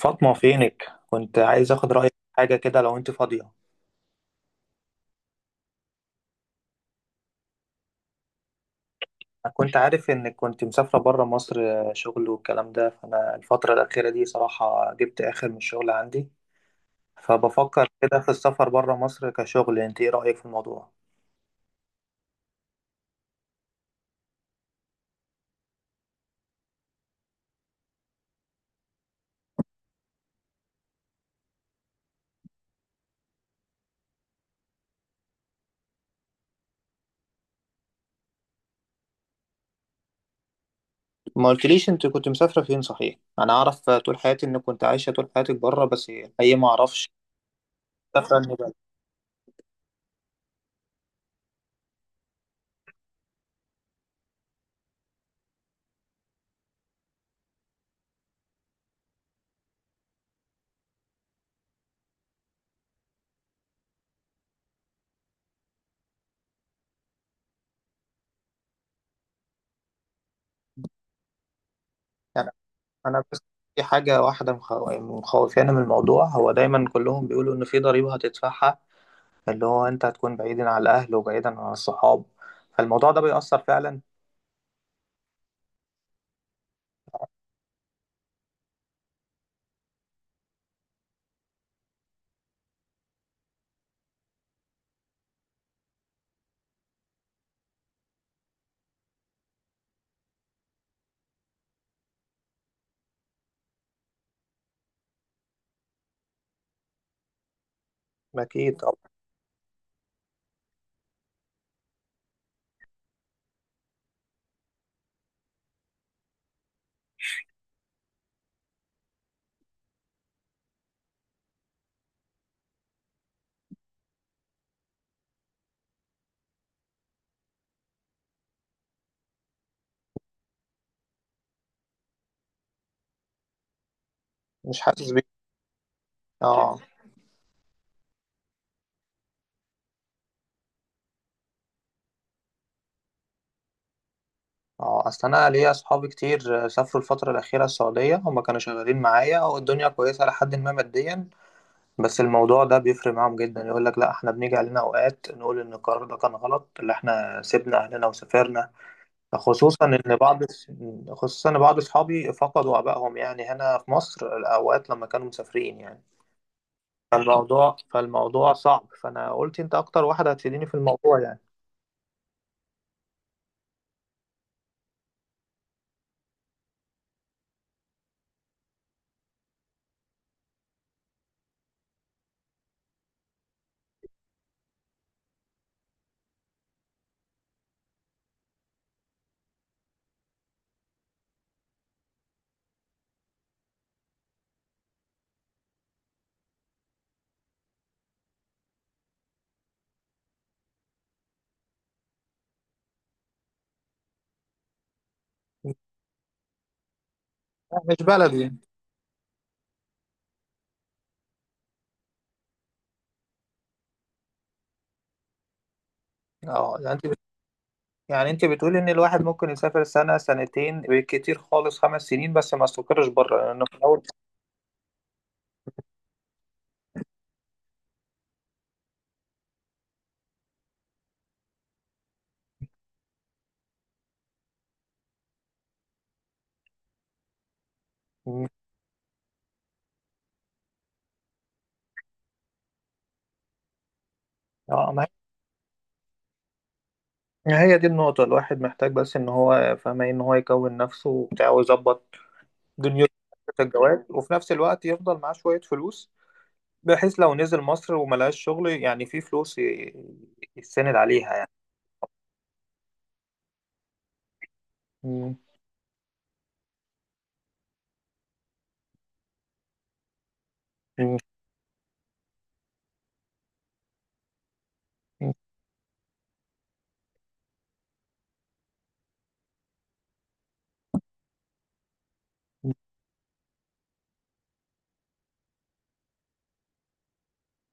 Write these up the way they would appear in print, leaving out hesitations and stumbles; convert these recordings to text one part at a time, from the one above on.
فاطمة فينك؟ كنت عايز اخد رأيك في حاجة كده لو انت فاضية. انا كنت عارف انك كنت مسافرة بره مصر، شغل والكلام ده، فانا الفترة الأخيرة دي صراحة جبت اخر من الشغل عندي، فبفكر كده في السفر بره مصر كشغل. انت ايه رأيك في الموضوع؟ ما قلتليش انت كنت مسافرة فين صحيح؟ انا اعرف طول حياتي انك كنت عايشة طول حياتك بره، بس الحقيقة ما اعرفش مسافرة اني بلد. يعني انا بس في حاجة واحدة مخوفاني من الموضوع، هو دايما كلهم بيقولوا ان في ضريبة هتدفعها، اللي هو انت هتكون بعيدا عن الاهل وبعيدا عن الصحاب، فالموضوع ده بيأثر فعلا. اكيد طبعا. مش حاسس بيه. اه، اه، اصل انا ليا اصحابي كتير سافروا الفتره الاخيره السعوديه، هما كانوا شغالين معايا والدنيا كويسه لحد ما ماديا، بس الموضوع ده بيفرق معاهم جدا. يقول لك لا، احنا بنيجي علينا اوقات نقول ان القرار ده كان غلط اللي احنا سيبنا اهلنا وسافرنا. خصوصا ان بعض خصوصا ان بعض اصحابي فقدوا ابائهم يعني هنا في مصر الاوقات لما كانوا مسافرين يعني. فالموضوع صعب، فانا قلت انت اكتر واحده هتفيديني في الموضوع يعني. لا، مش بلدي. اه، يعني انت بتقولي ان الواحد ممكن يسافر سنه سنتين بالكتير خالص خمس سنين، بس ما يستقرش بره لانه في الاول. اه، ما هي دي النقطه، الواحد محتاج بس ان هو فاهمه إيه؟ ان هو يكون نفسه وبتاع ويظبط دنيته في الجواز، وفي نفس الوقت يفضل معاه شويه فلوس، بحيث لو نزل مصر وما لقاش شغل يعني في فلوس يتسند عليها يعني. مم. مم.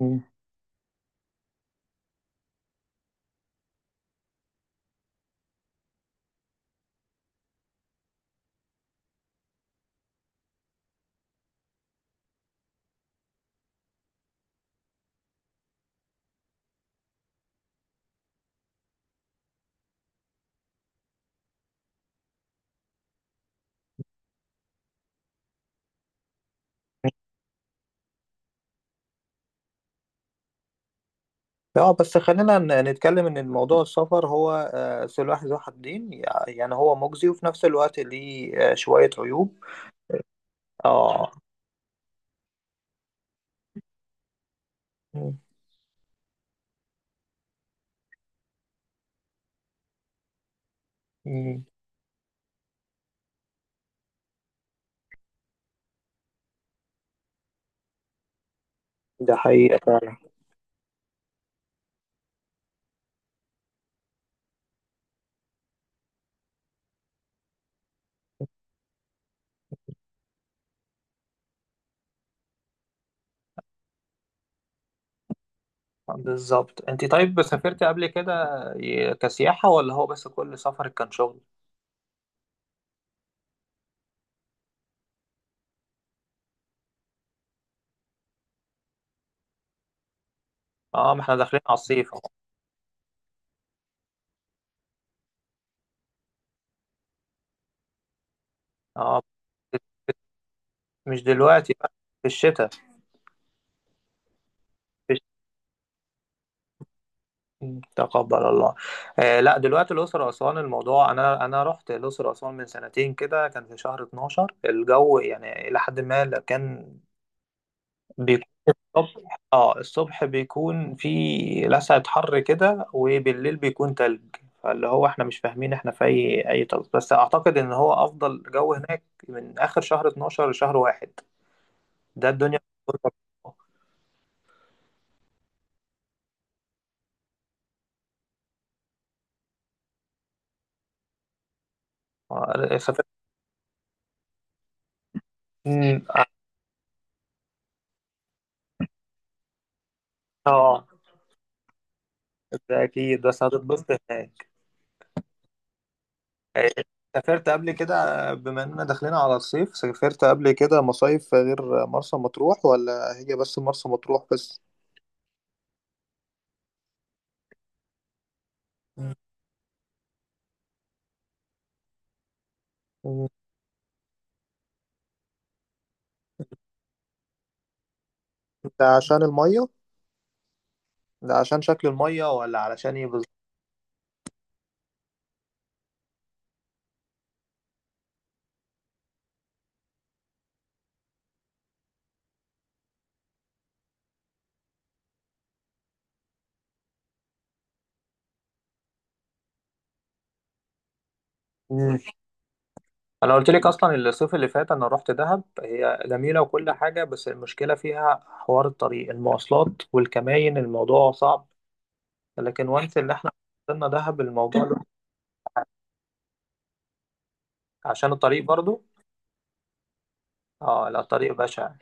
مم. اه بس خلينا نتكلم ان الموضوع السفر هو سلاح ذو حدين، يعني هو مجزي، وفي نفس الوقت ليه شوية عيوب. اه. م- م- ده حقيقة فعلا. بالظبط. انت طيب سافرت قبل كده كسياحة، ولا هو بس كل سفرك كان شغل؟ اه، ما احنا داخلين على الصيف اهو. اه، مش دلوقتي بقى، في الشتاء. تقبل الله. آه لا، دلوقتي الأقصر أسوان الموضوع، أنا رحت الأقصر أسوان من سنتين كده، كان في شهر 12، الجو يعني إلى حد ما لا، كان بيكون الصبح، اه الصبح بيكون في لسعة حر كده، وبالليل بيكون تلج، فاللي هو احنا مش فاهمين احنا في أي تلج، بس أعتقد إن هو أفضل جو هناك من آخر شهر 12 لشهر واحد. ده الدنيا. سافرت. مم، آه، ده أكيد بس هتتبسط هناك. سافرت قبل كده؟ بما اننا داخلين على الصيف، سافرت قبل كده مصايف غير مرسى مطروح، ولا هي بس مرسى مطروح بس؟ مم. مم. ده عشان المية؟ ده عشان شكل المية ولا علشان ايه بالظبط؟ مم. انا قلت لك اصلا الصيف اللي فات انا رحت دهب، هي جميلة وكل حاجة، بس المشكلة فيها حوار الطريق، المواصلات والكماين الموضوع صعب. لكن وانس اللي احنا وصلنا دهب، عشان الطريق برضو. اه لا، الطريق بشع.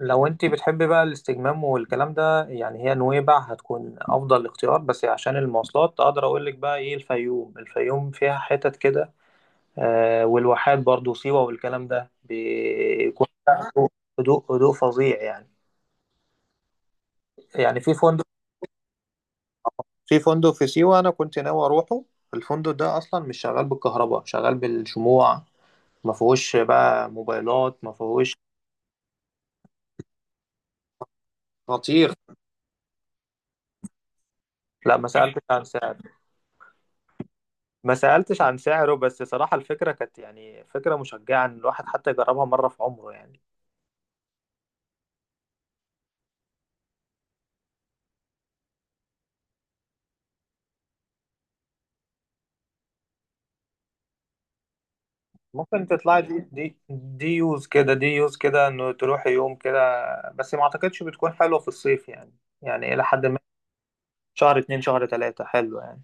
لو انت بتحبي بقى الاستجمام والكلام ده، يعني هي نويبع هتكون افضل اختيار، بس عشان المواصلات اقدر اقول لك بقى ايه، الفيوم، الفيوم فيها حتت كده آه، والواحات برضو، سيوة، والكلام ده بيكون فيها هدوء، هدوء فظيع يعني. يعني في فندق، في فندق في سيوة انا كنت ناوي اروحه. الفندق ده اصلا مش شغال بالكهرباء، شغال بالشموع، ما فيهوش بقى موبايلات، ما فيهوش. خطير. لا ما سألتش عن سعر، ما سألتش عن سعره، بس صراحة الفكرة كانت يعني فكرة مشجعة إن الواحد حتى يجربها مرة في عمره يعني. ممكن تطلع دي يوز كده، دي يوز كده، إنه تروح يوم كده، بس ما أعتقدش بتكون حلوة في الصيف يعني. يعني إلى حد ما شهر اتنين شهر تلاتة حلو يعني.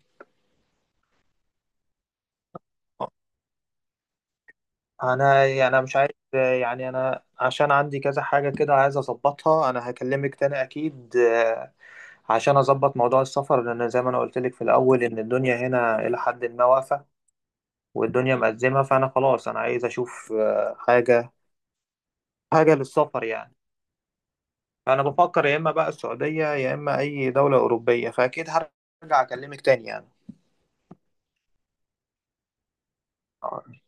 أنا مش عايز، يعني أنا عشان عندي كذا حاجة كده عايز أظبطها، أنا هكلمك تاني أكيد عشان أظبط موضوع السفر، لأن زي ما أنا قلت لك في الأول إن الدنيا هنا إلى حد ما واقفة، والدنيا مأزمة، فأنا خلاص أنا عايز أشوف حاجة، حاجة للسفر يعني. فأنا بفكر يا إما بقى السعودية يا إما أي دولة أوروبية، فأكيد هرجع أكلمك تاني يعني.